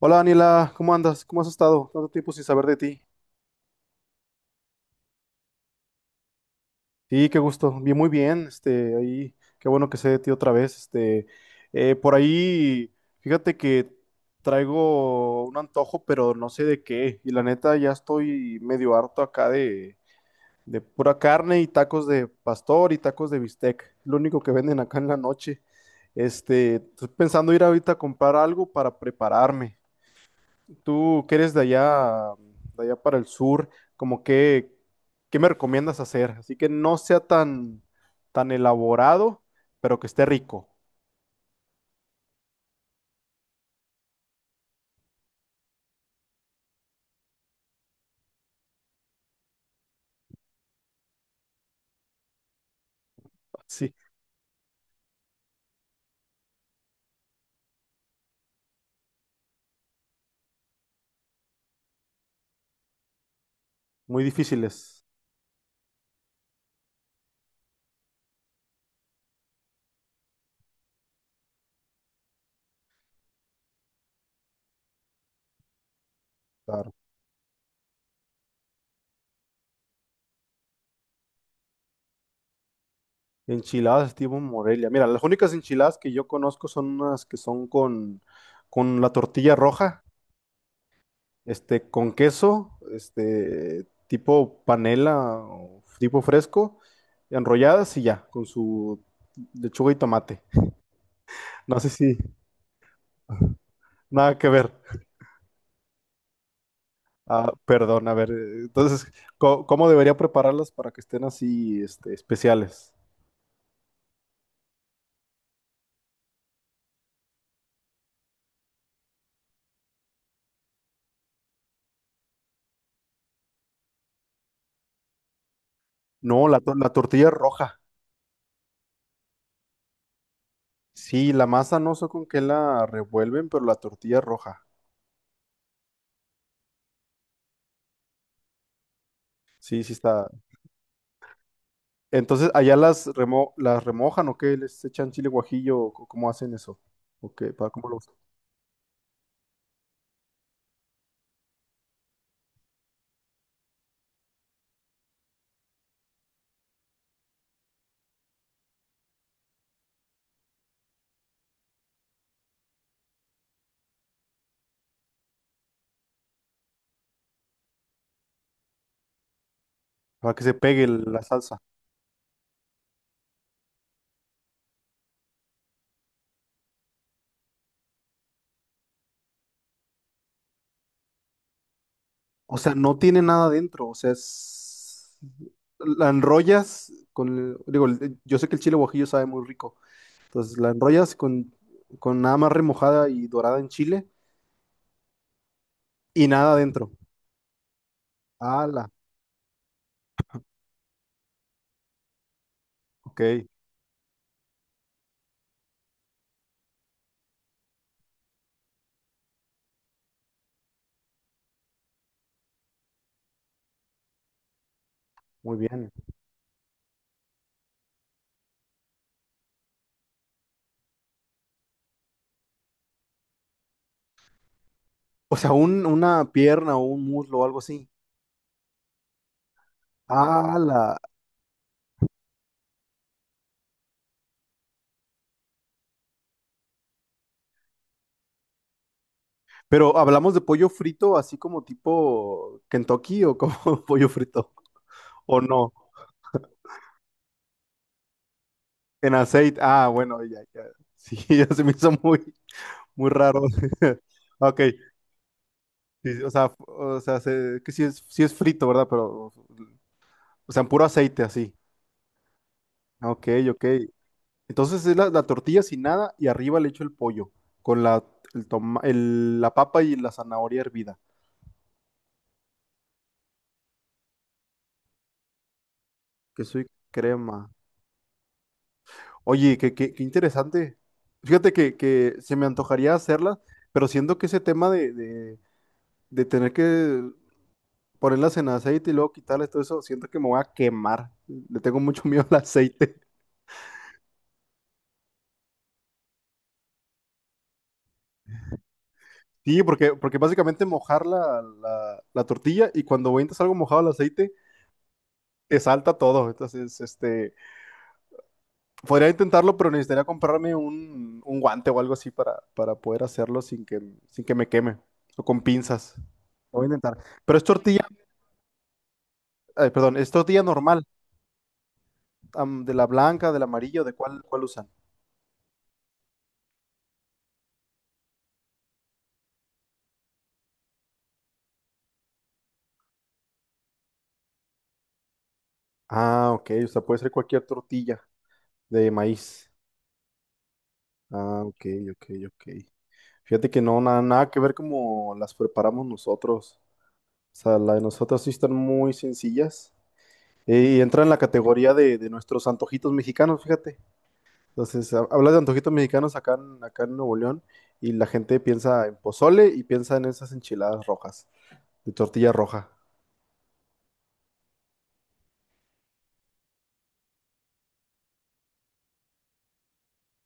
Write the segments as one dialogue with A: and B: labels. A: Hola Daniela, ¿cómo andas? ¿Cómo has estado? Tanto tiempo sin saber de ti. Sí, qué gusto. Bien, muy bien. Ahí, qué bueno que sé de ti otra vez. Por ahí, fíjate que traigo un antojo, pero no sé de qué. Y la neta, ya estoy medio harto acá de pura carne y tacos de pastor y tacos de bistec. Lo único que venden acá en la noche. Estoy pensando ir ahorita a comprar algo para prepararme. Tú que eres de allá para el sur, como que, ¿qué me recomiendas hacer? Así que no sea tan elaborado, pero que esté rico. Sí, muy difíciles. Claro. Enchiladas estilo Morelia. Mira, las únicas enchiladas que yo conozco son unas que son con la tortilla roja, con queso, tipo panela o tipo fresco, enrolladas y ya, con su lechuga y tomate. No sé si, nada que ver. Ah, perdón, a ver. Entonces, ¿cómo debería prepararlas para que estén así, especiales? No, la tortilla es roja. Sí, la masa no sé con qué la revuelven, pero la tortilla es roja. Sí, sí está. Entonces, ¿allá las remojan o qué? ¿Les echan chile guajillo? O ¿cómo hacen eso? ¿O qué? ¿Para, para que se pegue la salsa? O sea, no tiene nada dentro. O sea, es... La enrollas con... Digo, yo sé que el chile guajillo sabe muy rico. Entonces la enrollas con nada más remojada y dorada en chile y nada adentro. ¡Hala! Ok, muy bien. O sea, una pierna o un muslo o algo así. ¡Hala! Pero hablamos de pollo frito así como tipo Kentucky o como pollo frito. ¿O no? En aceite. Ah, bueno, ya, ya. Sí, ya se me hizo muy raro. Ok, sí, o sea, que sí es frito, ¿verdad? Pero, o sea, en puro aceite así. Ok, ok. Entonces es la tortilla sin nada y arriba le echo el pollo con la papa y la zanahoria hervida. Que soy crema. Oye, qué, qué interesante. Fíjate que se me antojaría hacerla, pero siento que ese tema de tener que ponerlas en aceite y luego quitarles todo eso, siento que me voy a quemar. Le tengo mucho miedo al aceite. Sí, porque básicamente mojar la tortilla y cuando avientas algo mojado al aceite, te salta todo. Entonces, este... Podría intentarlo, pero necesitaría comprarme un guante o algo así para poder hacerlo sin sin que me queme. O con pinzas. Lo voy a intentar. Pero es tortilla, ay, perdón, es tortilla normal. Am, de la blanca, del amarillo, ¿de cuál usan? Ah, ok. O sea, puede ser cualquier tortilla de maíz. Ah, ok, ok, ok. Fíjate que no, nada que ver como las preparamos nosotros. O sea, la de nosotros sí están muy sencillas. Y entra en la categoría de nuestros antojitos mexicanos, fíjate. Entonces, hablas de antojitos mexicanos acá en Nuevo León y la gente piensa en pozole y piensa en esas enchiladas rojas, de tortilla roja.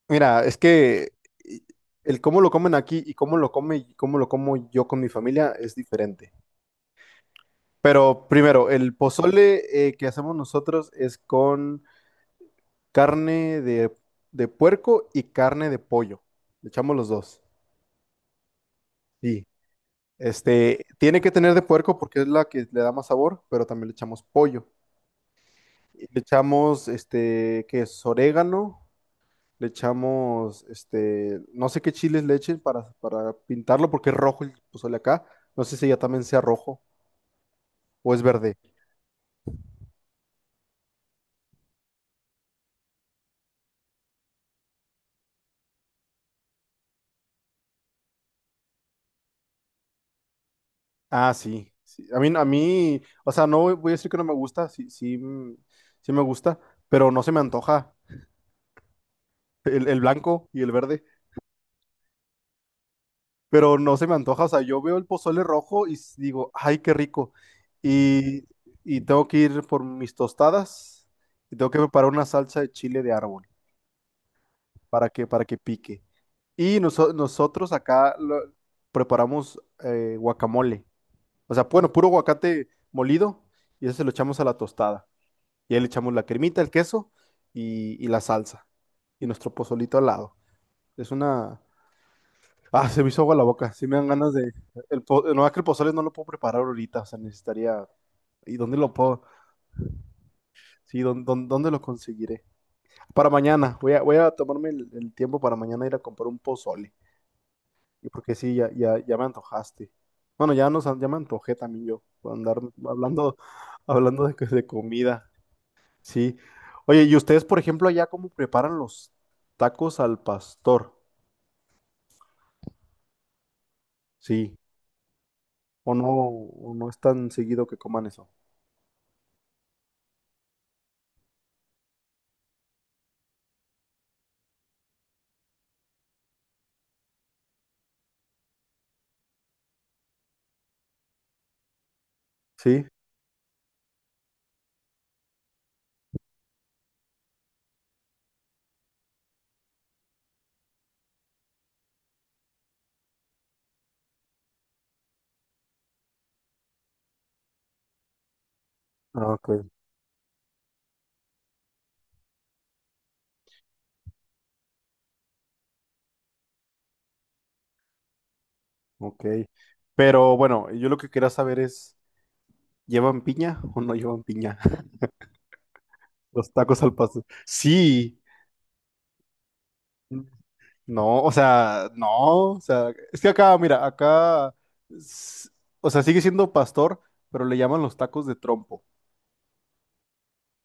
A: Mira, es que y- el cómo lo comen aquí y cómo lo come y cómo lo como yo con mi familia es diferente. Pero primero, el pozole que hacemos nosotros es con carne de puerco y carne de pollo. Le echamos los dos. Sí. Este, tiene que tener de puerco porque es la que le da más sabor, pero también le echamos pollo. Y le echamos, este, ¿qué es? Orégano. Le echamos, este, no sé qué chiles le echen para pintarlo porque es rojo el pozole acá. No sé si ya también sea rojo o es verde. Ah, sí. Sí. A mí, o sea, no voy a decir que no me gusta, sí, sí, mm, sí me gusta, pero no se me antoja el blanco y el verde. Pero no se me antoja. O sea, yo veo el pozole rojo y digo, ay, qué rico. Y, y tengo que ir por mis tostadas y tengo que preparar una salsa de chile de árbol para que pique. Y nosotros acá preparamos guacamole. O sea, bueno, puro aguacate molido y eso se lo echamos a la tostada. Y ahí le echamos la cremita, el queso y la salsa. Y nuestro pozolito al lado. Es una, ah, se me hizo agua la boca. Sí me dan ganas de... No, es que el pozole no lo puedo preparar ahorita. O sea, necesitaría... ¿Y dónde lo puedo? Sí, ¿dónde, dónde, dónde lo conseguiré? Para mañana. Voy a, voy a tomarme el tiempo para mañana ir a comprar un pozole. Y porque sí, ya, ya, ya me antojaste. Bueno, ya, nos, ya me antojé también yo. Por andar hablando, hablando de comida. Sí. Oye, ¿y ustedes, por ejemplo, allá cómo preparan los tacos al pastor? Sí. O no es tan seguido que coman eso? Sí. Ah, ok, ok. Pero bueno, yo lo que quería saber es, ¿llevan piña o no llevan piña? Los tacos al pastor. Sí. No, o sea, no, o sea, es que acá, mira, acá, s- o sea, sigue siendo pastor, pero le llaman los tacos de trompo.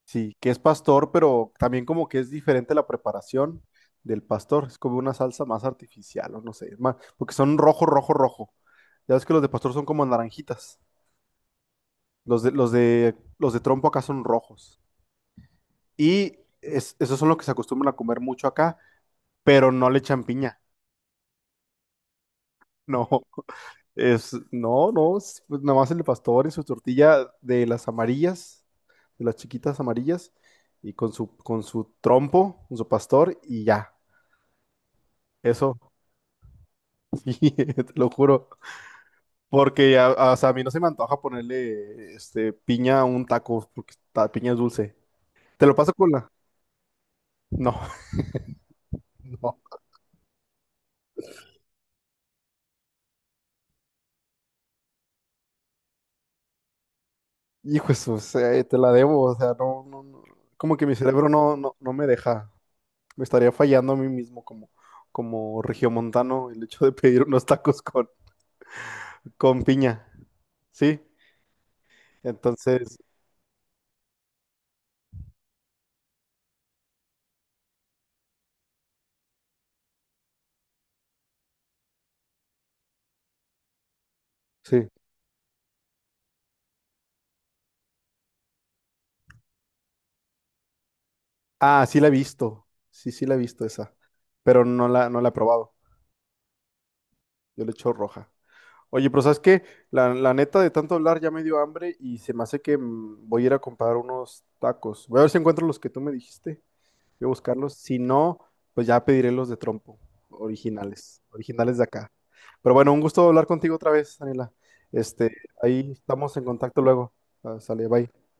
A: Sí, que es pastor, pero también como que es diferente la preparación del pastor. Es como una salsa más artificial, o no sé, más, porque son rojo, rojo, rojo. Ya ves que los de pastor son como naranjitas. Los de trompo acá son rojos. Y esos son los que se acostumbran a comer mucho acá, pero no le echan piña. No, es, no, no, es, pues, nada más el pastor y su tortilla de las amarillas, de las chiquitas amarillas, y con su trompo, con su pastor, y ya. Eso, sí, te lo juro. Porque o sea, a mí no se me antoja ponerle este, piña a un taco, porque la piña es dulce. Te lo paso con la. No, no. Hijo, de o sea, te la debo, o sea, no, no, no, como que mi cerebro no, no, no me deja, me estaría fallando a mí mismo como, como regiomontano el hecho de pedir unos tacos con piña, ¿sí? Entonces, sí. Ah, sí la he visto, sí, sí la he visto esa, pero no no la he probado, yo le echo roja. Oye, pero ¿sabes qué? La neta de tanto hablar ya me dio hambre y se me hace que mm, voy a ir a comprar unos tacos. Voy a ver si encuentro los que tú me dijiste. Voy a buscarlos. Si no, pues ya pediré los de trompo, originales, originales de acá. Pero bueno, un gusto hablar contigo otra vez, Daniela. Este, ahí estamos en contacto luego. Ah, sale, bye.